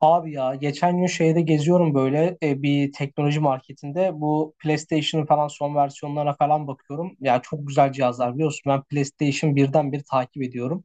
Abi ya geçen gün şeyde geziyorum böyle bir teknoloji marketinde bu PlayStation'ın falan son versiyonlarına falan bakıyorum. Ya çok güzel cihazlar biliyorsun ben PlayStation birden bir takip ediyorum.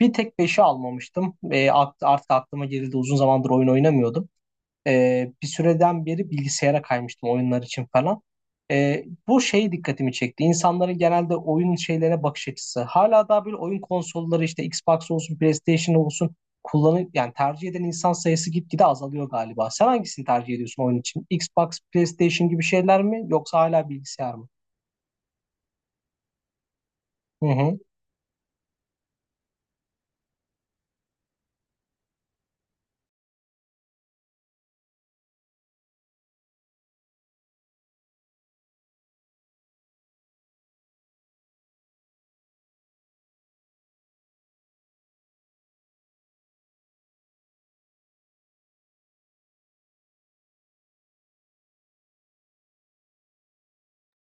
Bir tek 5'i almamıştım. Artık aklıma geldi uzun zamandır oyun oynamıyordum. Bir süreden beri bilgisayara kaymıştım oyunlar için falan. Bu şey dikkatimi çekti. İnsanların genelde oyun şeylere bakış açısı. Hala daha böyle oyun konsolları işte Xbox olsun, PlayStation olsun kullanıp yani tercih eden insan sayısı gitgide azalıyor galiba. Sen hangisini tercih ediyorsun oyun için? Xbox, PlayStation gibi şeyler mi yoksa hala bilgisayar mı? Hı hı.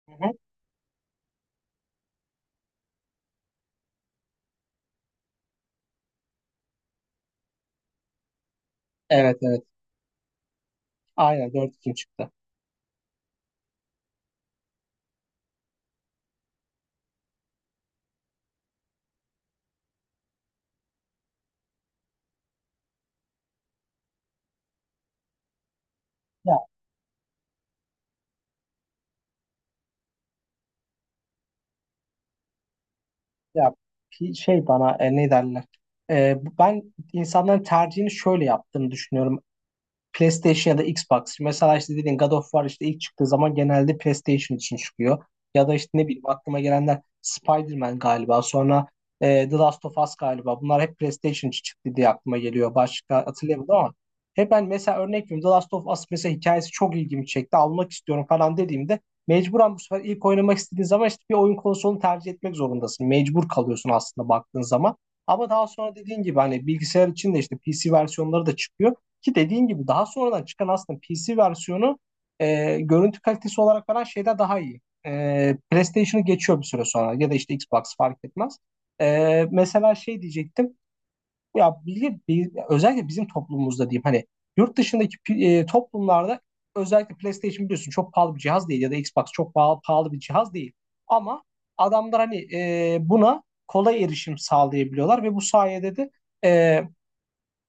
Hı hı. Evet evet. Aynen dört 2 çıktı. Ya, ya, şey bana, ne derler? Ben insanların tercihini şöyle yaptığını düşünüyorum. PlayStation ya da Xbox. Mesela işte dediğin God of War işte ilk çıktığı zaman genelde PlayStation için çıkıyor. Ya da işte ne bileyim aklıma gelenler Spider-Man galiba. Sonra The Last of Us galiba. Bunlar hep PlayStation için çıktı diye aklıma geliyor. Başka hatırlayamadım ama hep ben mesela örnek veriyorum. The Last of Us mesela hikayesi çok ilgimi çekti. Almak istiyorum falan dediğimde mecburen bu sefer ilk oynamak istediğin zaman işte bir oyun konsolunu tercih etmek zorundasın. Mecbur kalıyorsun aslında baktığın zaman. Ama daha sonra dediğin gibi hani bilgisayar için de işte PC versiyonları da çıkıyor. Ki dediğin gibi daha sonradan çıkan aslında PC versiyonu, görüntü kalitesi olarak falan şeyde daha iyi. PlayStation'ı geçiyor bir süre sonra ya da işte Xbox fark etmez. Mesela şey diyecektim. Özellikle bizim toplumumuzda diyeyim hani yurt dışındaki toplumlarda özellikle PlayStation biliyorsun çok pahalı bir cihaz değil ya da Xbox çok pahalı bir cihaz değil. Ama adamlar hani buna kolay erişim sağlayabiliyorlar ve bu sayede de e,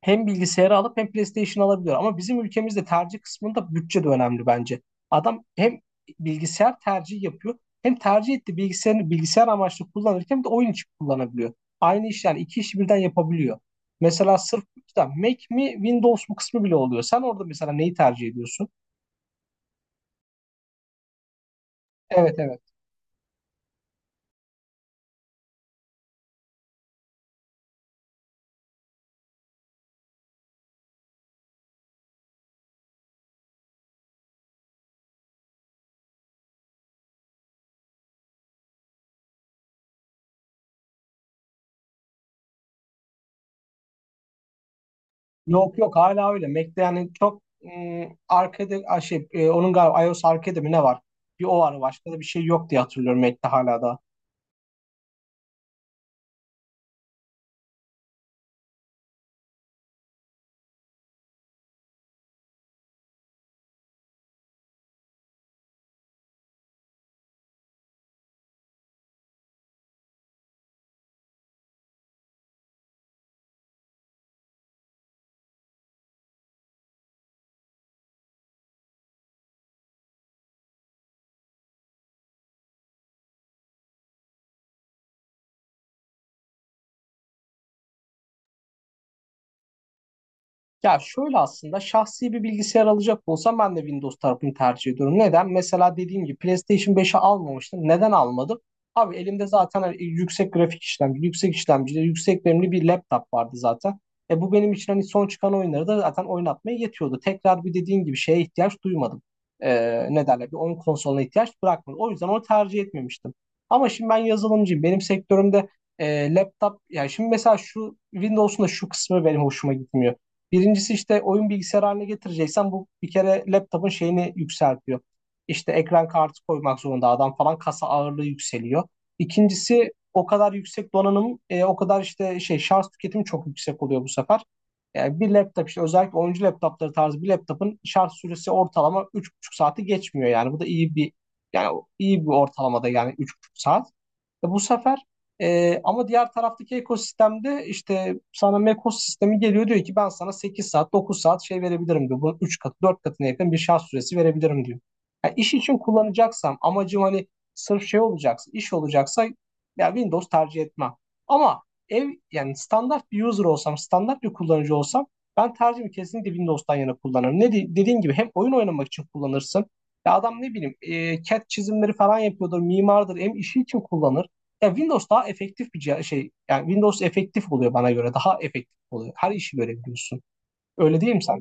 hem bilgisayarı alıp hem PlayStation alabiliyor. Ama bizim ülkemizde tercih kısmında bütçe de önemli bence. Adam hem bilgisayar tercihi yapıyor hem tercih ettiği bilgisayarını bilgisayar amaçlı kullanırken bir de oyun için kullanabiliyor. Aynı iş yani iki işi birden yapabiliyor. Mesela sırf işte Mac mi Windows mu kısmı bile oluyor. Sen orada mesela neyi tercih ediyorsun? Evet evet. Yok yok hala öyle. Mac'te yani çok arkada şey onun galiba iOS arkada mi ne var? Bir o var başka da bir şey yok diye hatırlıyorum Mac'te hala da. Ya şöyle aslında şahsi bir bilgisayar alacak olsam ben de Windows tarafını tercih ediyorum. Neden? Mesela dediğim gibi PlayStation 5'i almamıştım. Neden almadım? Abi elimde zaten hani yüksek grafik işlemci, yüksek işlemcili, yüksek RAM'li bir laptop vardı zaten. E bu benim için hani son çıkan oyunları da zaten oynatmaya yetiyordu. Tekrar bir dediğim gibi şeye ihtiyaç duymadım. E, Ne derler? Bir oyun konsoluna ihtiyaç bırakmadım. O yüzden onu tercih etmemiştim. Ama şimdi ben yazılımcıyım. Benim sektörümde laptop, yani şimdi mesela şu Windows'un da şu kısmı benim hoşuma gitmiyor. Birincisi işte oyun bilgisayarı haline getireceksen bu bir kere laptopun şeyini yükseltiyor. İşte ekran kartı koymak zorunda adam falan kasa ağırlığı yükseliyor. İkincisi o kadar yüksek donanım, o kadar işte şey şarj tüketimi çok yüksek oluyor bu sefer. Yani bir laptop işte özellikle oyuncu laptopları tarzı bir laptopun şarj süresi ortalama 3,5 saati geçmiyor yani. Bu da iyi bir yani iyi bir ortalamada yani 3,5 saat. E bu sefer ama diğer taraftaki ekosistemde işte sana Mekos sistemi geliyor diyor ki ben sana 8 saat 9 saat şey verebilirim diyor. Bunun 3 katı 4 katına yakın bir şarj süresi verebilirim diyor. Yani iş için kullanacaksam amacım hani sırf şey olacaksa iş olacaksa ya Windows tercih etmem. Ama ev yani standart bir user olsam standart bir kullanıcı olsam ben tercihimi kesinlikle Windows'tan yana kullanırım. Dediğin gibi hem oyun oynamak için kullanırsın. Ya adam ne bileyim CAD çizimleri falan yapıyordur, mimardır, hem işi için kullanır. Ya Windows daha efektif bir cihaz, şey yani Windows efektif oluyor bana göre. Daha efektif oluyor. Her işi görebiliyorsun. Öyle değil mi sen?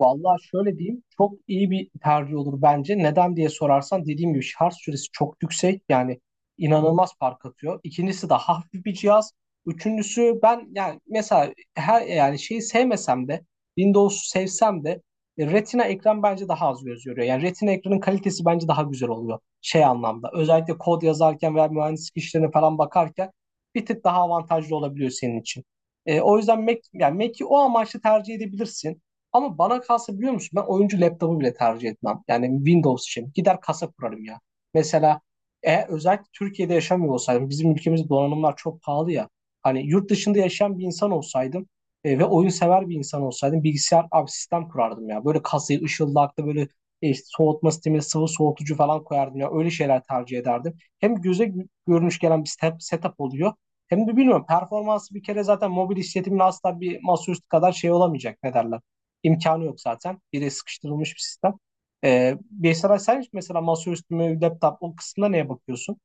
Vallahi şöyle diyeyim çok iyi bir tercih olur bence. Neden diye sorarsan dediğim gibi şarj süresi çok yüksek yani inanılmaz fark atıyor. İkincisi de hafif bir cihaz. Üçüncüsü ben yani mesela her yani şeyi sevmesem de Windows'u sevsem de, Retina ekran bence daha az göz yoruyor. Yani Retina ekranın kalitesi bence daha güzel oluyor şey anlamda. Özellikle kod yazarken veya mühendislik işlerine falan bakarken bir tık daha avantajlı olabiliyor senin için. O yüzden Mac yani Mac'i o amaçla tercih edebilirsin. Ama bana kalsa biliyor musun ben oyuncu laptopu bile tercih etmem. Yani Windows için. Gider kasa kurarım ya. Mesela özellikle Türkiye'de yaşamıyor olsaydım bizim ülkemizde donanımlar çok pahalı ya. Hani yurt dışında yaşayan bir insan olsaydım ve oyun sever bir insan olsaydım bilgisayar abi sistem kurardım ya. Böyle kasayı ışıldaklı böyle soğutma sistemi sıvı soğutucu falan koyardım ya. Öyle şeyler tercih ederdim. Hem göze görünüş gelen bir setup oluyor. Hem de bilmiyorum performansı bir kere zaten mobil işletimin asla bir masaüstü kadar şey olamayacak ne derler imkanı yok zaten. Biri sıkıştırılmış bir sistem. Beysaray sen mesela masaüstü mü, laptop o kısmına neye bakıyorsun?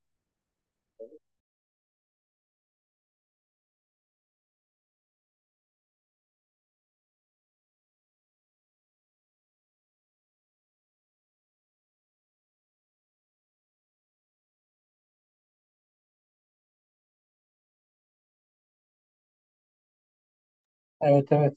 Evet evet.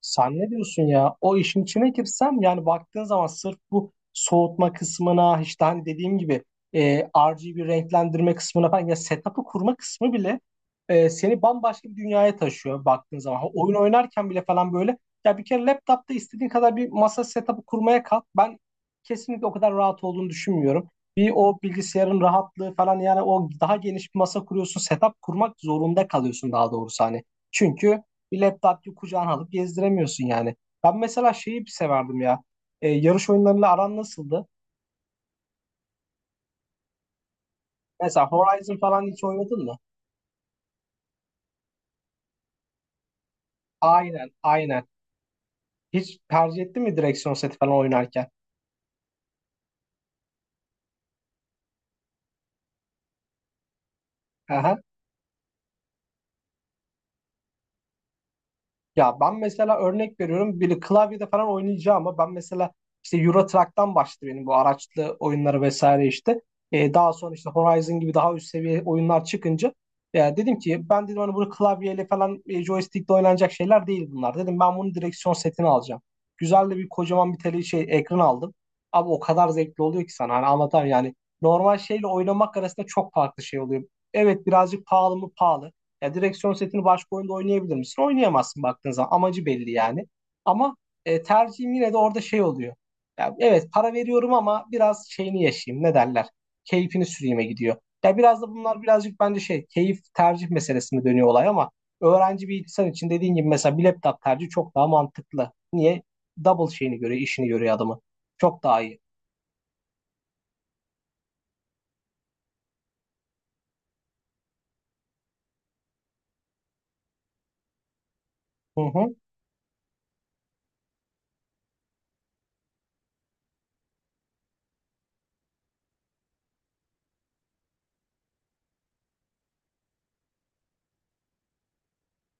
Sen ne diyorsun ya? O işin içine girsem yani baktığın zaman sırf bu soğutma kısmına işte hani dediğim gibi, RGB renklendirme kısmına falan ya setup'ı kurma kısmı bile, seni bambaşka bir dünyaya taşıyor baktığın zaman. Ha, oyun oynarken bile falan böyle ya bir kere laptopta istediğin kadar bir masa setup'ı kurmaya kalk. Ben kesinlikle o kadar rahat olduğunu düşünmüyorum. Bir o bilgisayarın rahatlığı falan yani o daha geniş bir masa kuruyorsun setup kurmak zorunda kalıyorsun daha doğrusu hani. Çünkü bir laptop gibi kucağına alıp gezdiremiyorsun yani. Ben mesela şeyi bir severdim ya. Yarış oyunlarıyla aran nasıldı? Mesela Horizon falan hiç oynadın mı? Aynen, aynen. Hiç tercih ettin mi direksiyon seti falan oynarken? Ya ben mesela örnek veriyorum biri klavyede falan oynayacağım ama ben mesela işte Euro Truck'tan başladı benim bu araçlı oyunları vesaire işte. Daha sonra işte Horizon gibi daha üst seviye oyunlar çıkınca ya dedim ki ben dedim hani bunu klavyeyle falan joystickle oynanacak şeyler değil bunlar. Dedim ben bunu direksiyon setini alacağım. Güzel de bir kocaman bir tele şey ekran aldım. Abi o kadar zevkli oluyor ki sana hani anlatamam yani. Normal şeyle oynamak arasında çok farklı şey oluyor. Evet birazcık pahalı mı pahalı. Ya direksiyon setini başka oyunda oynayabilir misin? Oynayamazsın baktığın zaman. Amacı belli yani. Ama tercihim yine de orada şey oluyor. Ya, evet para veriyorum ama biraz şeyini yaşayayım. Ne derler? Keyfini süreyime gidiyor. Ya biraz da bunlar birazcık bence şey keyif tercih meselesine dönüyor olay ama öğrenci bir insan için dediğin gibi mesela bir laptop tercihi çok daha mantıklı. Niye? Double şeyini görüyor, işini görüyor adamı. Çok daha iyi. Hı hı.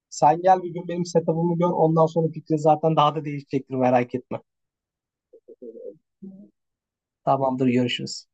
Sen gel bir gün benim setup'ımı gör. Ondan sonra fikrin zaten daha da değişecektir merak etme. Tamamdır görüşürüz.